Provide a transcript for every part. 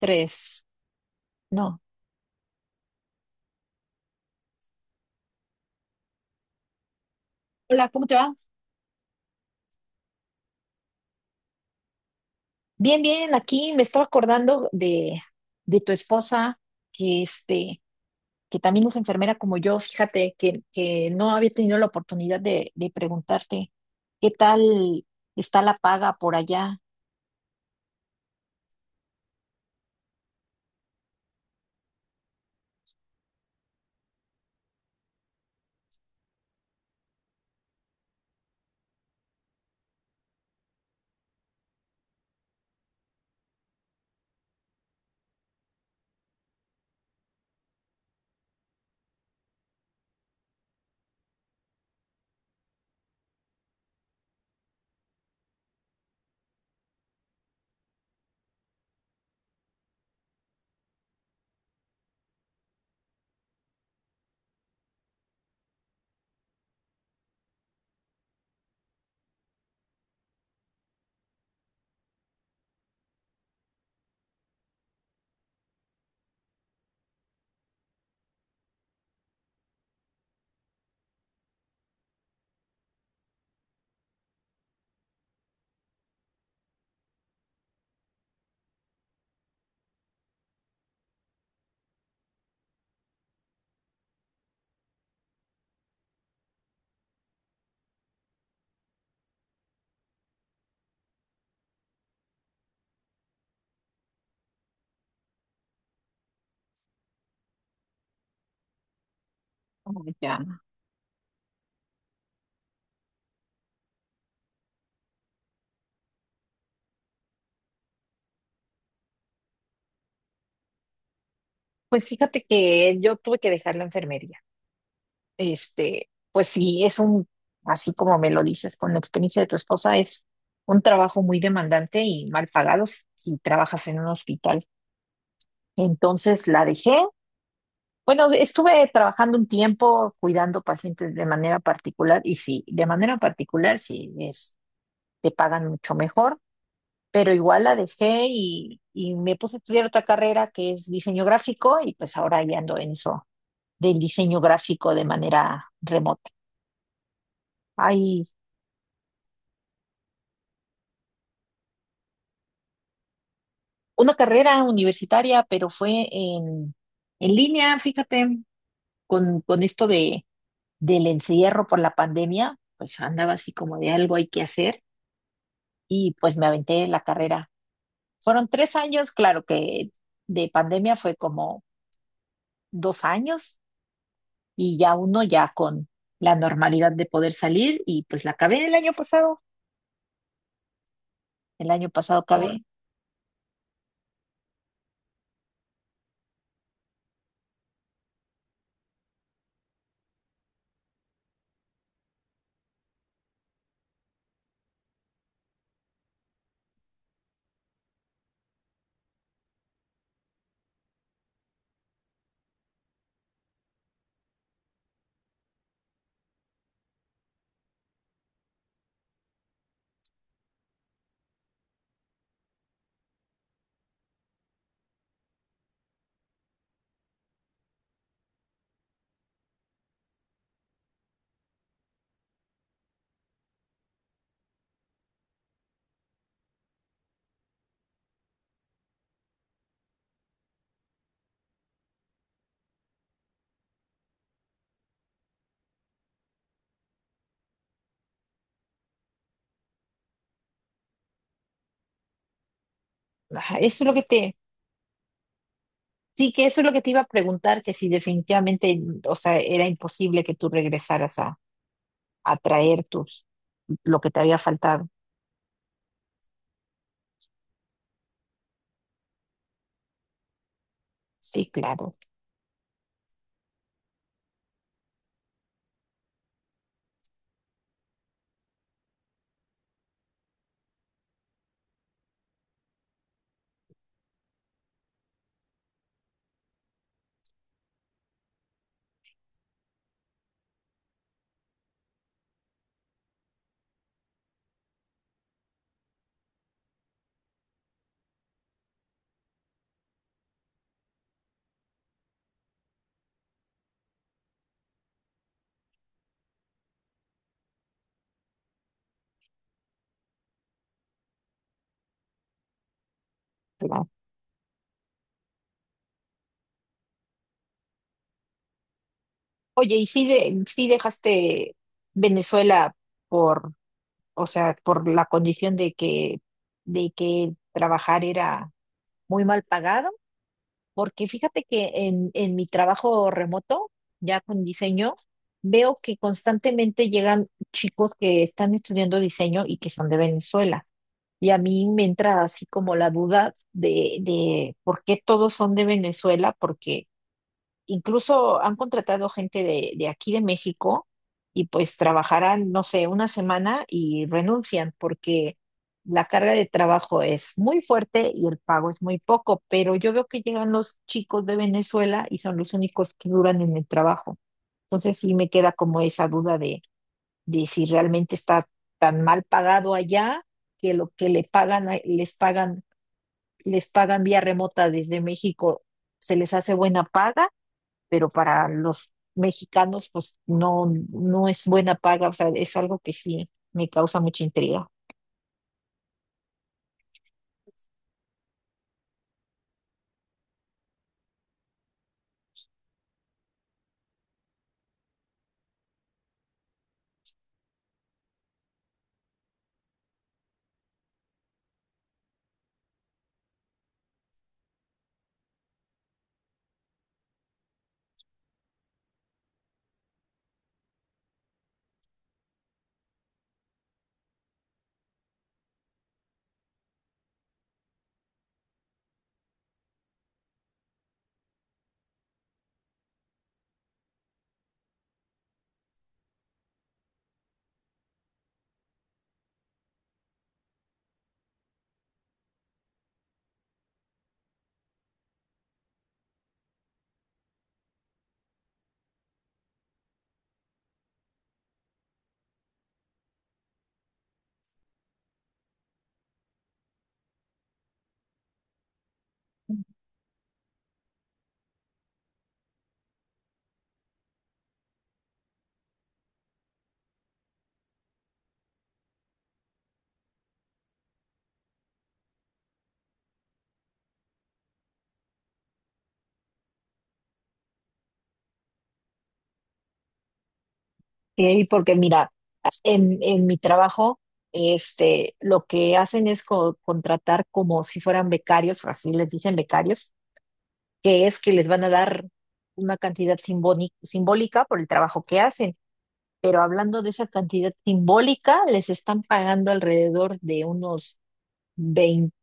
Tres. No. Hola, ¿cómo te va? Bien, bien, aquí me estaba acordando de tu esposa, que este, que también es enfermera como yo, fíjate, que no había tenido la oportunidad de preguntarte qué tal está la paga por allá. Oh, ya. Pues fíjate que yo tuve que dejar la enfermería. Pues sí, así como me lo dices, con la experiencia de tu esposa, es un trabajo muy demandante y mal pagado si trabajas en un hospital. Entonces la dejé. Bueno, estuve trabajando un tiempo cuidando pacientes de manera particular y sí, de manera particular sí es, te pagan mucho mejor, pero igual la dejé y me puse a estudiar otra carrera que es diseño gráfico y pues ahora ya ando en eso del diseño gráfico de manera remota. Hay una carrera universitaria, pero fue en línea, fíjate, con esto del encierro por la pandemia, pues andaba así como de algo hay que hacer y pues me aventé la carrera. Fueron 3 años, claro que de pandemia fue como 2 años y ya uno ya con la normalidad de poder salir y pues la acabé el año pasado acabé. Ajá. Eso es lo que te, sí que eso es lo que te iba a preguntar, que si definitivamente, o sea, era imposible que tú regresaras a traer lo que te había faltado. Sí, claro, claro. Oye, ¿y si dejaste Venezuela por, o sea, por la condición de que trabajar era muy mal pagado, porque fíjate que en mi trabajo remoto, ya con diseño, veo que constantemente llegan chicos que están estudiando diseño y que son de Venezuela? Y a mí me entra así como la duda de por qué todos son de Venezuela, porque incluso han contratado gente de aquí de México y pues trabajarán, no sé, una semana y renuncian porque la carga de trabajo es muy fuerte y el pago es muy poco, pero yo veo que llegan los chicos de Venezuela y son los únicos que duran en el trabajo. Entonces sí me queda como esa duda de si realmente está tan mal pagado allá, que lo que le pagan, a- les pagan vía remota desde México se les hace buena paga, pero para los mexicanos, pues no, no es buena paga, o sea, es algo que sí me causa mucha intriga. Y porque mira, en mi trabajo, lo que hacen es contratar como si fueran becarios, o así les dicen, becarios, que es que les van a dar una cantidad simbólica por el trabajo que hacen. Pero hablando de esa cantidad simbólica, les están pagando alrededor de unos 20,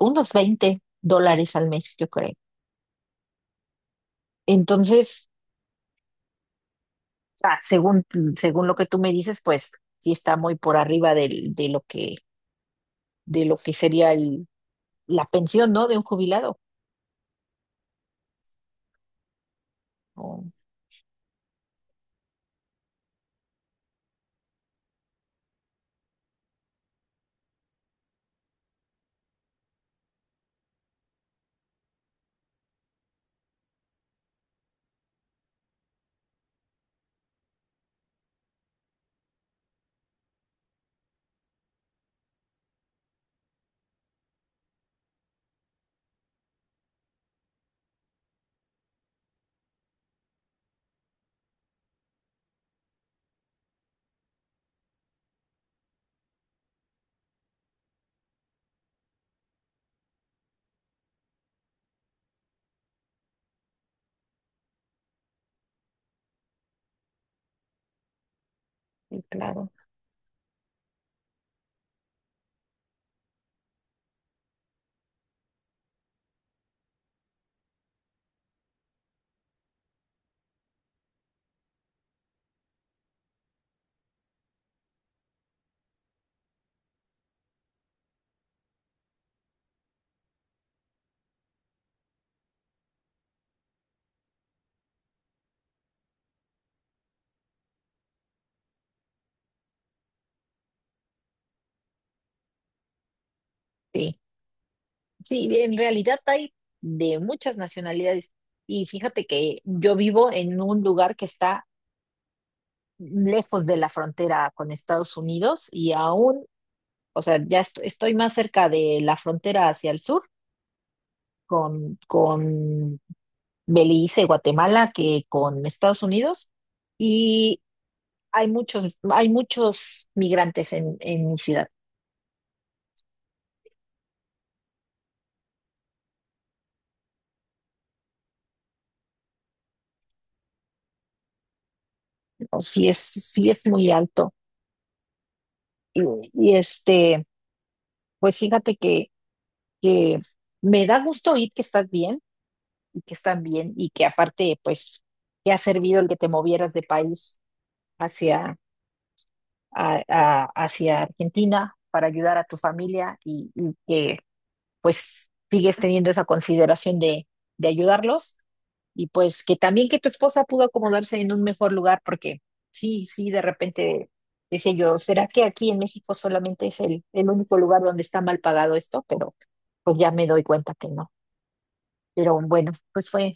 unos 20 dólares al mes, yo creo. Entonces, ah, según, según lo que tú me dices, pues sí está muy por arriba de lo que sería la pensión, ¿no? De un jubilado. Oh, sí, claro, sí. Sí, en realidad hay de muchas nacionalidades. Y fíjate que yo vivo en un lugar que está lejos de la frontera con Estados Unidos y aún, o sea, ya estoy más cerca de la frontera hacia el sur con Belice, Guatemala, que con Estados Unidos. Y hay muchos migrantes en mi ciudad. ¿No? Sí es muy alto. Y, y pues fíjate que me da gusto oír que estás bien y que están bien y que aparte, pues, te ha servido el que te movieras de país hacia, hacia Argentina para ayudar a tu familia, y que pues sigues teniendo esa consideración de ayudarlos y pues que también que tu esposa pudo acomodarse en un mejor lugar, porque sí, sí, de repente decía yo, ¿será que aquí en México solamente es el único lugar donde está mal pagado esto? Pero pues ya me doy cuenta que no. Pero bueno, pues fue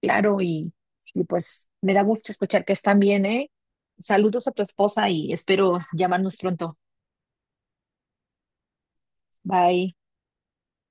claro, y pues me da gusto escuchar que están bien, ¿eh? Saludos a tu esposa y espero llamarnos pronto. Bye.